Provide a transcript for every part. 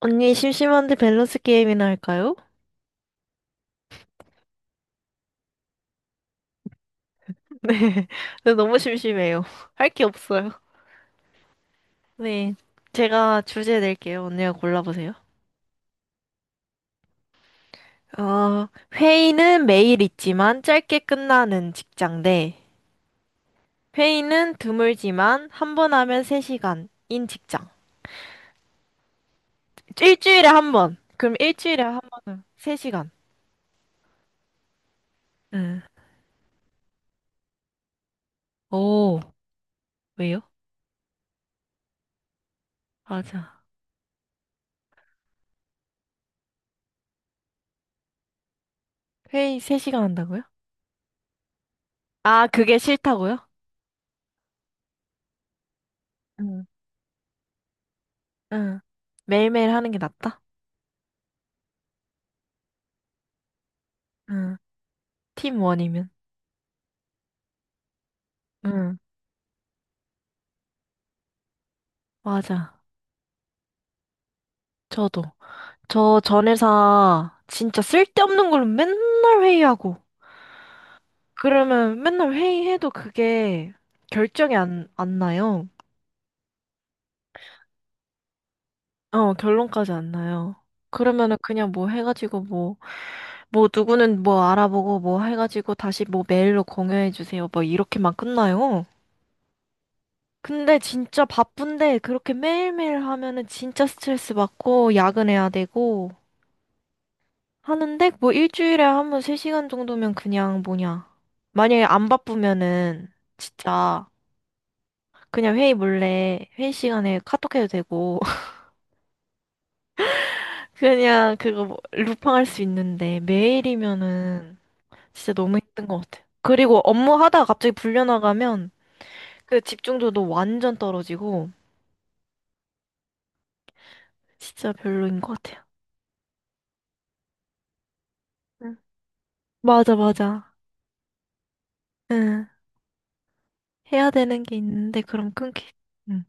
언니, 심심한데 밸런스 게임이나 할까요? 네. 네, 너무 심심해요. 할 게 없어요. 네. 제가 주제 낼게요. 언니가 골라보세요. 어, 회의는 매일 있지만 짧게 끝나는 직장 대 회의는 드물지만 한 번 하면 3시간인 직장. 일주일에 한 번. 그럼 일주일에 한 번은 3시간. 응. 오, 왜요? 맞아. 회의 3시간 한다고요? 아, 그게 싫다고요? 응. 응. 매일매일 하는 게 낫다? 응 팀 원이면. 응, 맞아. 저도. 전 회사 진짜 쓸데없는 걸로 맨날 회의하고. 그러면 맨날 회의해도 그게 결정이 안 나요. 어, 결론까지 안 나요. 그러면은 그냥 뭐 해가지고 뭐, 뭐 누구는 뭐 알아보고 뭐 해가지고 다시 뭐 메일로 공유해주세요. 뭐 이렇게만 끝나요. 근데 진짜 바쁜데 그렇게 매일매일 하면은 진짜 스트레스 받고 야근해야 되고 하는데 뭐 일주일에 한 번 3시간 정도면 그냥 뭐냐. 만약에 안 바쁘면은 진짜 그냥 회의 몰래 회의 시간에 카톡 해도 되고 그냥 그거 뭐 루팡할 수 있는데 매일이면은 진짜 너무 힘든 것 같아. 그리고 업무 하다가 갑자기 불려나가면 그 집중도도 완전 떨어지고 진짜 별로인 것 같아요. 응. 맞아, 맞아. 응. 해야 되는 게 있는데 그럼 끊기. 응.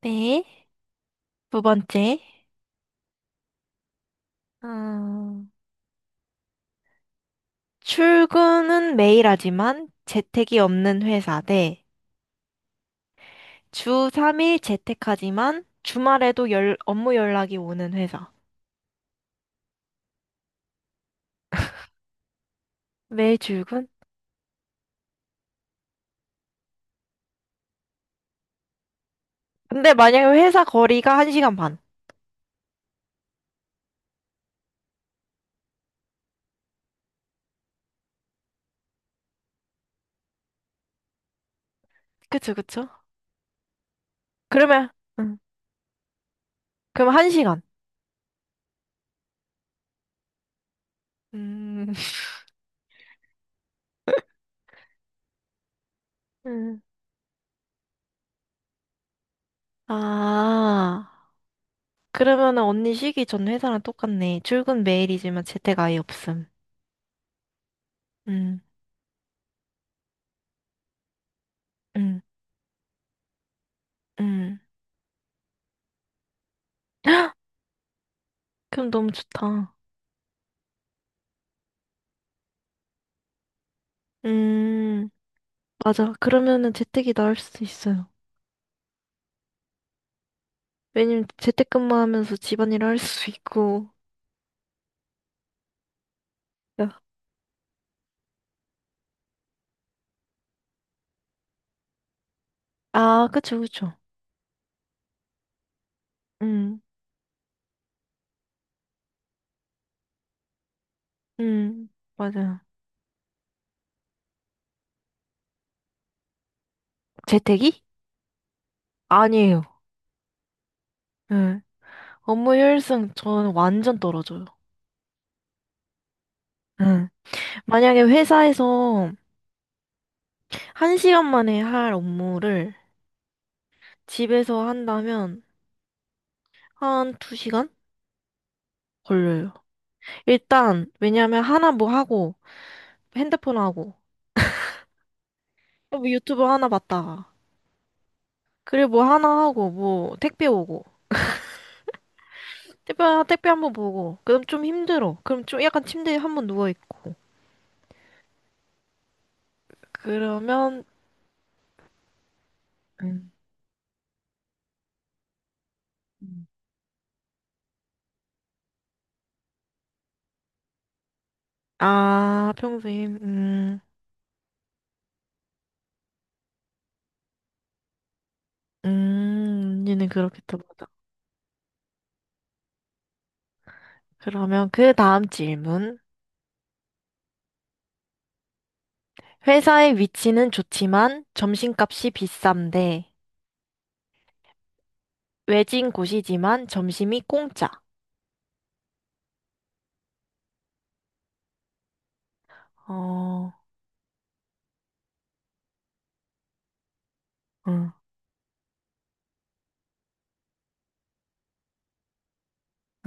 네. 두 번째. 어... 출근은 매일 하지만 재택이 없는 회사 대 주 3일 재택하지만 주말에도 열, 업무 연락이 오는 회사. 매일 출근? 근데 만약에 회사 거리가 1시간 반. 그쵸, 그쵸? 그러면, 응. 그럼 1시간. 음. 음. 아, 그러면은 언니 쉬기 전 회사랑 똑같네. 출근 매일이지만 재택 아예 없음. 음, 음, 음. 그럼 너무 좋다. 음, 맞아. 그러면은 재택이 나을 수도 있어요. 왜냐면 재택근무하면서 집안일 할 수 있고. 야. 아, 그쵸, 그쵸. 음, 음, 맞아요. 재택이? 아니에요. 예. 업무 효율성 저는 완전 떨어져요. 예. 만약에 회사에서 한시간 만에 할 업무를 집에서 한다면 한 두시간 걸려요. 일단, 왜냐면 하나 뭐 하고, 핸드폰 하고, 뭐 유튜브 하나 봤다가, 그리고 뭐 하나 하고, 뭐 택배 오고, 택배 한 번 보고, 그럼 좀 힘들어. 그럼 좀 약간 침대에 한번 누워있고. 그러면, 음. 음. 아, 평소에, 언니는 그렇겠다, 맞아. 그러면 그 다음 질문. 회사의 위치는 좋지만 점심값이 비싼데, 외진 곳이지만 점심이 공짜. 어, 응,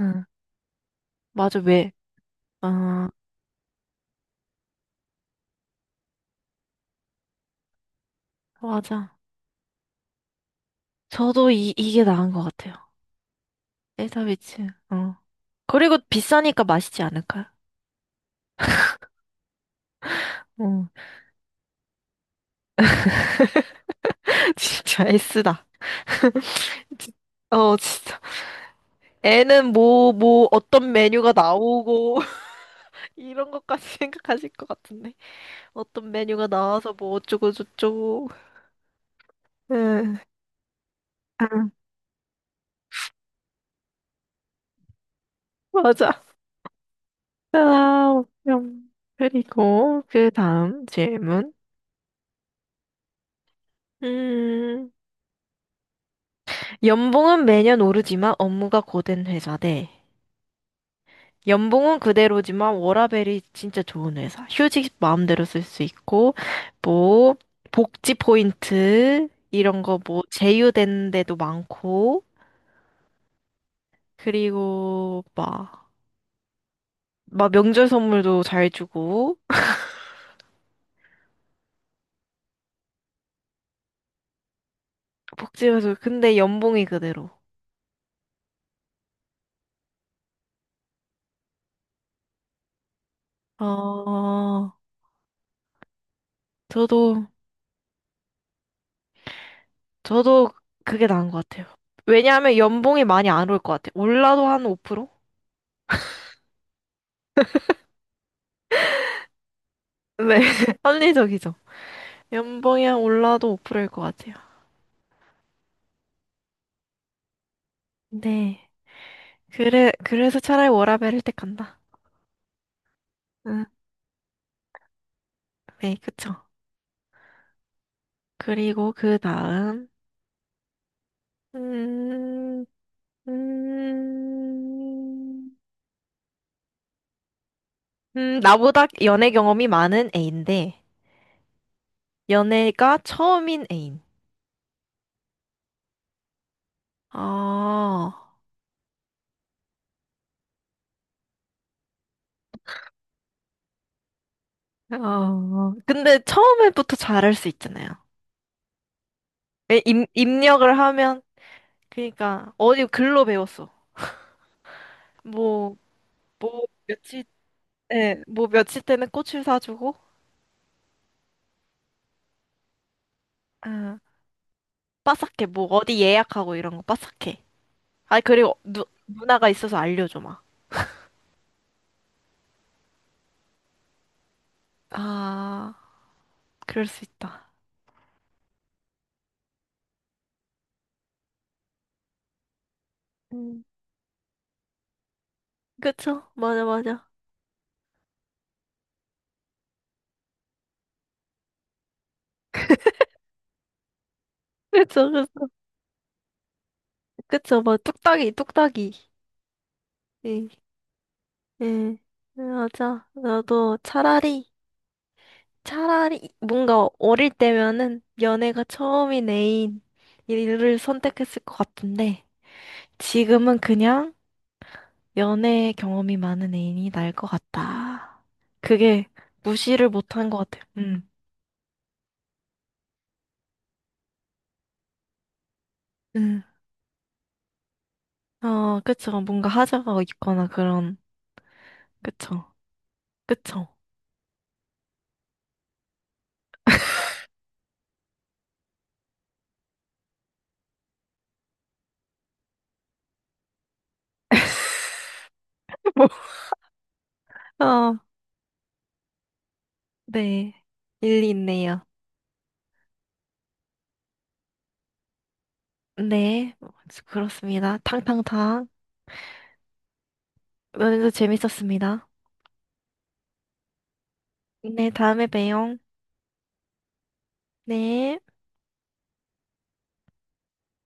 응. 맞아, 왜? 어, 맞아. 저도 이게 나은 것 같아요. 회사 위치, 어. 그리고 비싸니까 맛있지 않을까요? 어, 진짜 S다. 진- 어, 진짜. 애는 뭐, 어떤 메뉴가 나오고, 이런 것까지 생각하실 것 같은데. 어떤 메뉴가 나와서 뭐 어쩌고저쩌고. 응, 아, 맞아. 아, 그리고, 그 다음 질문. 음, 연봉은 매년 오르지만 업무가 고된 회사 대, 연봉은 그대로지만 워라밸이 진짜 좋은 회사. 휴직 마음대로 쓸 수 있고, 뭐, 복지 포인트, 이런 거 뭐, 제휴되는 데도 많고, 그리고 막, 막 명절 선물도 잘 주고, 복지에서, 근데 연봉이 그대로. 어, 저도, 저도 그게 나은 것 같아요. 왜냐하면 연봉이 많이 안 올 것 같아요. 올라도 한 5%? 네, 합리적이죠. 연봉이 한 올라도 5%일 것 같아요. 네. 그래, 그래서 차라리 워라밸을 택한다. 응, 네, 그쵸. 그리고 그 다음, 음, 음, 나보다 연애 경험이 많은 애인데, 연애가 처음인 애인. 아, 어, 근데 처음에부터 잘할 수 있잖아요. 입력을 하면, 그니까, 어디 글로 배웠어. 뭐, 며칠, 예, 뭐, 며칠 때는 꽃을 사주고, 아, 빠삭해. 뭐 어디 예약하고 이런 거 빠삭해. 아니 그리고 누나가 있어서 알려줘 막. 아, 그럴 수 있다. 음, 그쵸? 맞아, 맞아. 그쵸, 그쵸. 그쵸, 뭐 뚝딱이, 뚝딱이. 예, 예, 네, 맞아. 나도 차라리, 차라리 뭔가 어릴 때면은 연애가 처음인 애인 이를 선택했을 것 같은데 지금은 그냥 연애 경험이 많은 애인이 나을 것 같다. 그게 무시를 못 한 것 같아요. 음. 음, 어, 그쵸. 뭔가 하자가 있거나 그런, 그쵸. 그쵸. 뭐, 어, 네. 일리 있네요. 네. 뭐, 그렇습니다. 탕탕탕. 오늘도 재밌었습니다. 네, 다음에 봬요. 네.